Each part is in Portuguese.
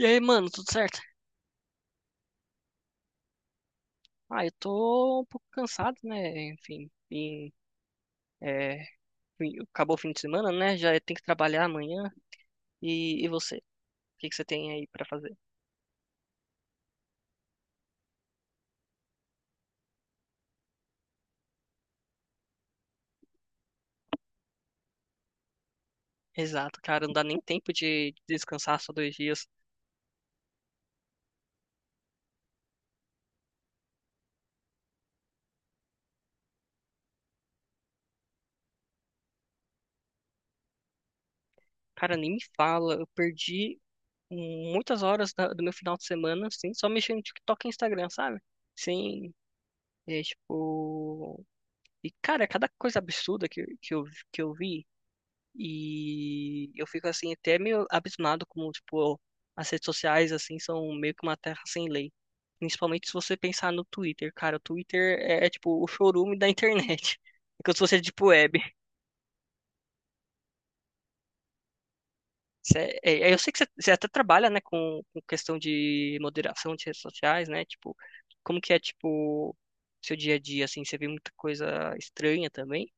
E aí, mano, tudo certo? Ah, eu tô um pouco cansado, né? Enfim, é, acabou o fim de semana, né? Já tem que trabalhar amanhã. E você? O que que você tem aí pra fazer? Exato, cara, não dá nem tempo de descansar só 2 dias. Cara, nem me fala, eu perdi muitas horas do meu final de semana, assim, só mexendo no TikTok e Instagram, sabe? Sim, é tipo. E, cara, é cada coisa absurda que eu vi. E eu fico assim até meio abismado como tipo as redes sociais assim são meio que uma terra sem lei. Principalmente se você pensar no Twitter, cara, o Twitter é tipo o chorume da internet. Enquanto você é tipo web. Eu sei que você até trabalha, né, com questão de moderação de redes sociais, né? Tipo, como que é tipo seu dia a dia assim, você vê muita coisa estranha também,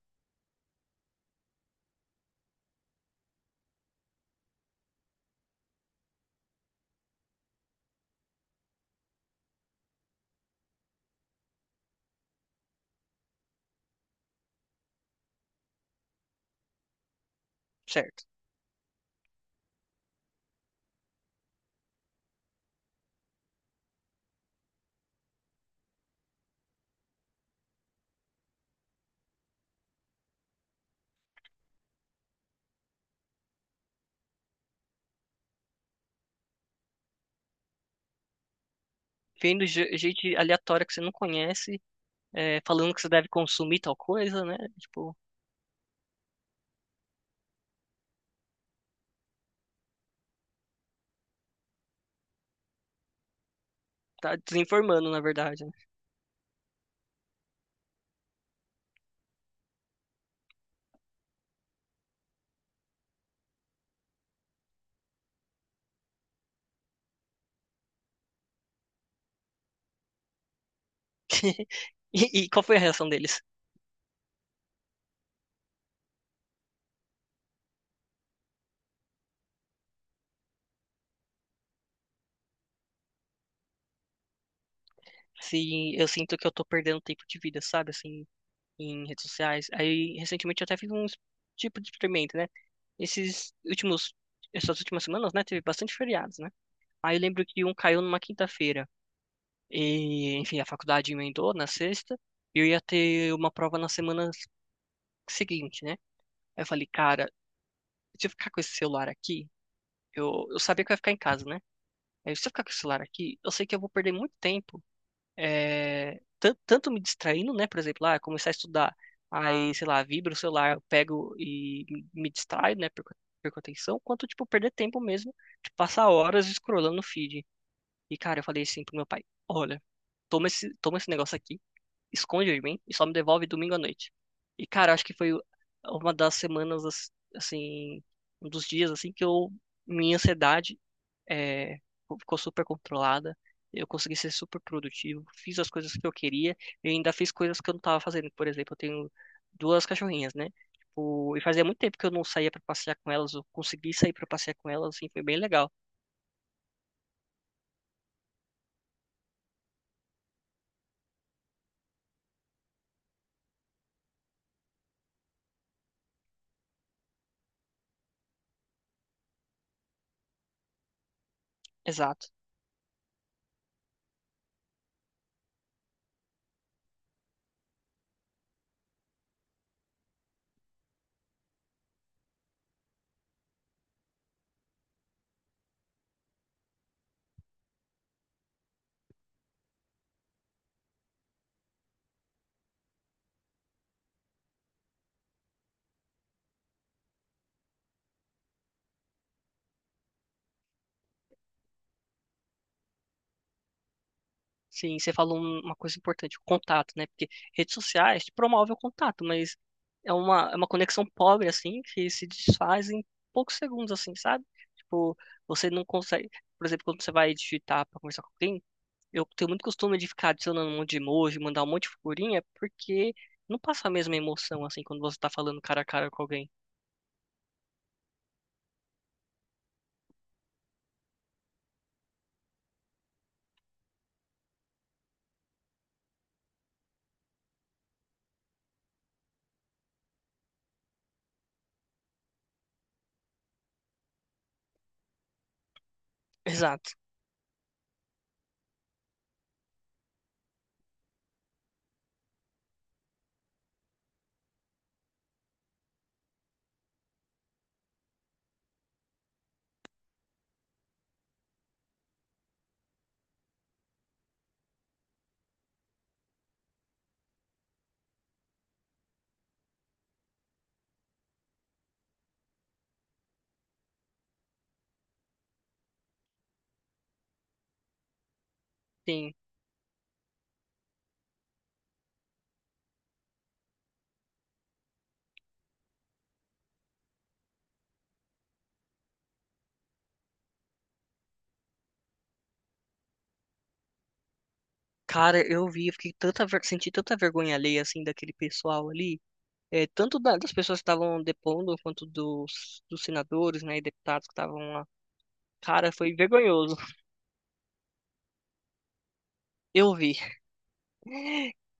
certo? Vendo gente aleatória que você não conhece, falando que você deve consumir tal coisa, né? Tipo, tá desinformando, na verdade, né? E qual foi a reação deles? Se eu sinto que eu tô perdendo tempo de vida, sabe, assim, em redes sociais. Aí, recentemente, eu até fiz um tipo de experimento, né? Esses últimos, essas últimas semanas, né, teve bastante feriados, né? Aí eu lembro que um caiu numa quinta-feira. E, enfim, a faculdade emendou na sexta. E eu ia ter uma prova na semana seguinte, né? Aí eu falei, cara, se eu ficar com esse celular aqui, eu sabia que eu ia ficar em casa, né? Aí, se eu ficar com o celular aqui, eu sei que eu vou perder muito tempo, tanto me distraindo, né? Por exemplo, ah, começar a estudar, aí, sei lá, vibra o celular, eu pego e me distraio, né? Perco a atenção, quanto, tipo, perder tempo mesmo, de passar horas scrollando no feed. E, cara, eu falei assim pro meu pai, olha, toma esse negócio aqui, esconde de mim e só me devolve domingo à noite. E, cara, acho que foi uma das semanas, assim, um dos dias, assim, minha ansiedade é, ficou super controlada. Eu consegui ser super produtivo, fiz as coisas que eu queria e ainda fiz coisas que eu não estava fazendo. Por exemplo, eu tenho duas cachorrinhas, né? Tipo, e fazia muito tempo que eu não saía para passear com elas, eu consegui sair para passear com elas, assim, foi bem legal. Exato. Sim, você falou uma coisa importante, o contato, né? Porque redes sociais te promove o contato, mas é uma conexão pobre, assim, que se desfaz em poucos segundos, assim, sabe? Tipo, você não consegue. Por exemplo, quando você vai digitar para conversar com alguém, eu tenho muito costume de ficar adicionando um monte de emoji, mandar um monte de figurinha, porque não passa a mesma emoção assim quando você tá falando cara a cara com alguém. Exato. Sim. Cara, eu vi, eu fiquei tanta, senti tanta vergonha alheia assim daquele pessoal ali, tanto das pessoas que estavam depondo quanto dos senadores, né, e deputados que estavam lá. Cara, foi vergonhoso. Eu vi.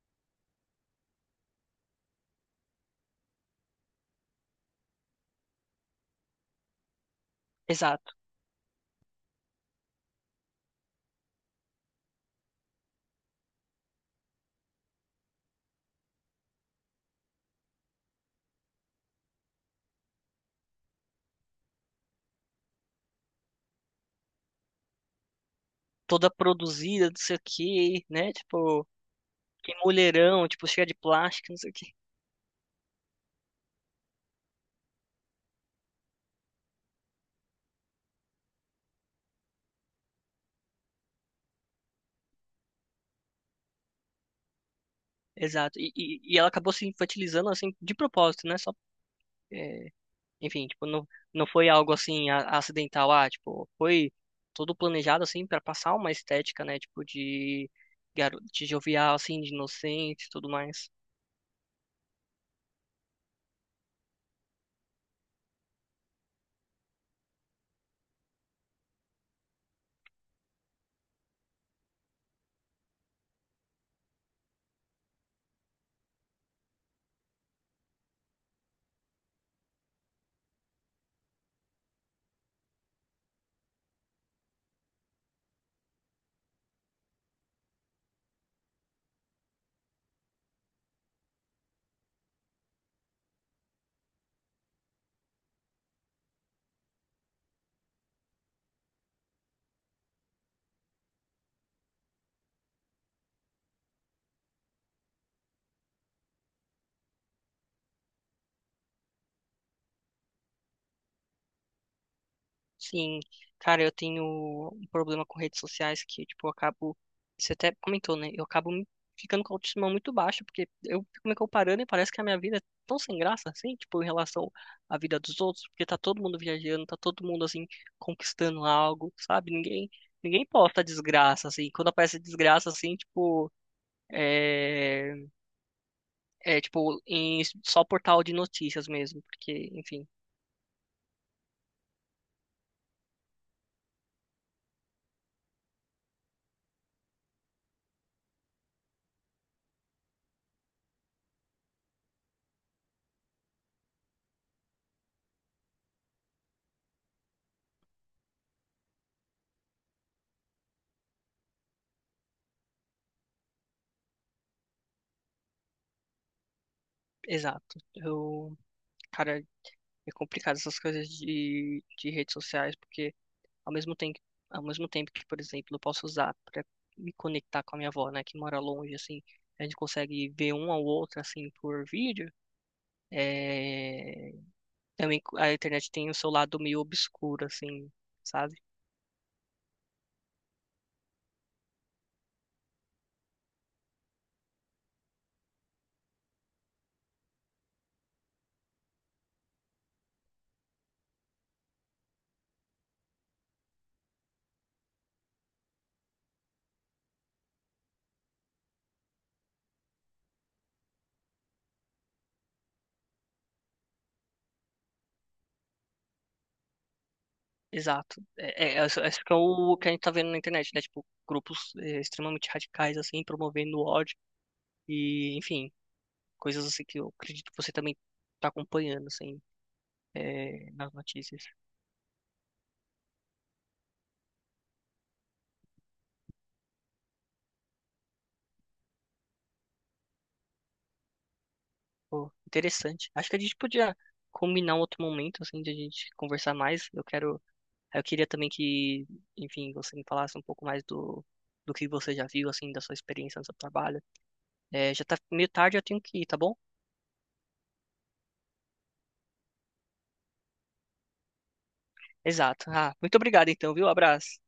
Exato. Toda produzida, não sei o quê, né? Tipo, que mulherão, tipo, cheia de plástico, não sei o quê. Exato. E ela acabou se infantilizando, assim, de propósito, né? Só, é, enfim, tipo, não, não foi algo, assim, acidental. Ah, tipo, foi todo planejado, assim, para passar uma estética, né? Tipo, de, garo de jovial, assim, de inocente e tudo mais. Sim, cara, eu tenho um problema com redes sociais que, tipo, eu acabo. Você até comentou, né? Eu acabo ficando com a autoestima muito baixa, porque eu fico me comparando e parece que a minha vida é tão sem graça, assim, tipo, em relação à vida dos outros, porque tá todo mundo viajando, tá todo mundo, assim, conquistando algo, sabe? Ninguém posta desgraça, assim. Quando aparece desgraça, assim, tipo, é, é tipo, em só portal de notícias mesmo, porque, enfim, exato. Eu. Cara, é complicado essas coisas de redes sociais, porque ao mesmo tempo, ao mesmo tempo que, por exemplo, eu posso usar para me conectar com a minha avó, né, que mora longe, assim, a gente consegue ver um ao outro, assim, por vídeo, é... Também a internet tem o seu lado meio obscuro, assim, sabe? Exato. É isso isso que é o que a gente tá vendo na internet, né? Tipo, grupos extremamente radicais, assim, promovendo ódio e, enfim, coisas assim que eu acredito que você também tá acompanhando, assim, nas notícias. Pô, interessante. Acho que a gente podia combinar um outro momento, assim, de a gente conversar mais. Eu queria também que, enfim, você me falasse um pouco mais do que você já viu, assim, da sua experiência no seu trabalho. É, já tá meio tarde, eu tenho que ir, tá bom? Exato. Ah, muito obrigado, então, viu? Abraço.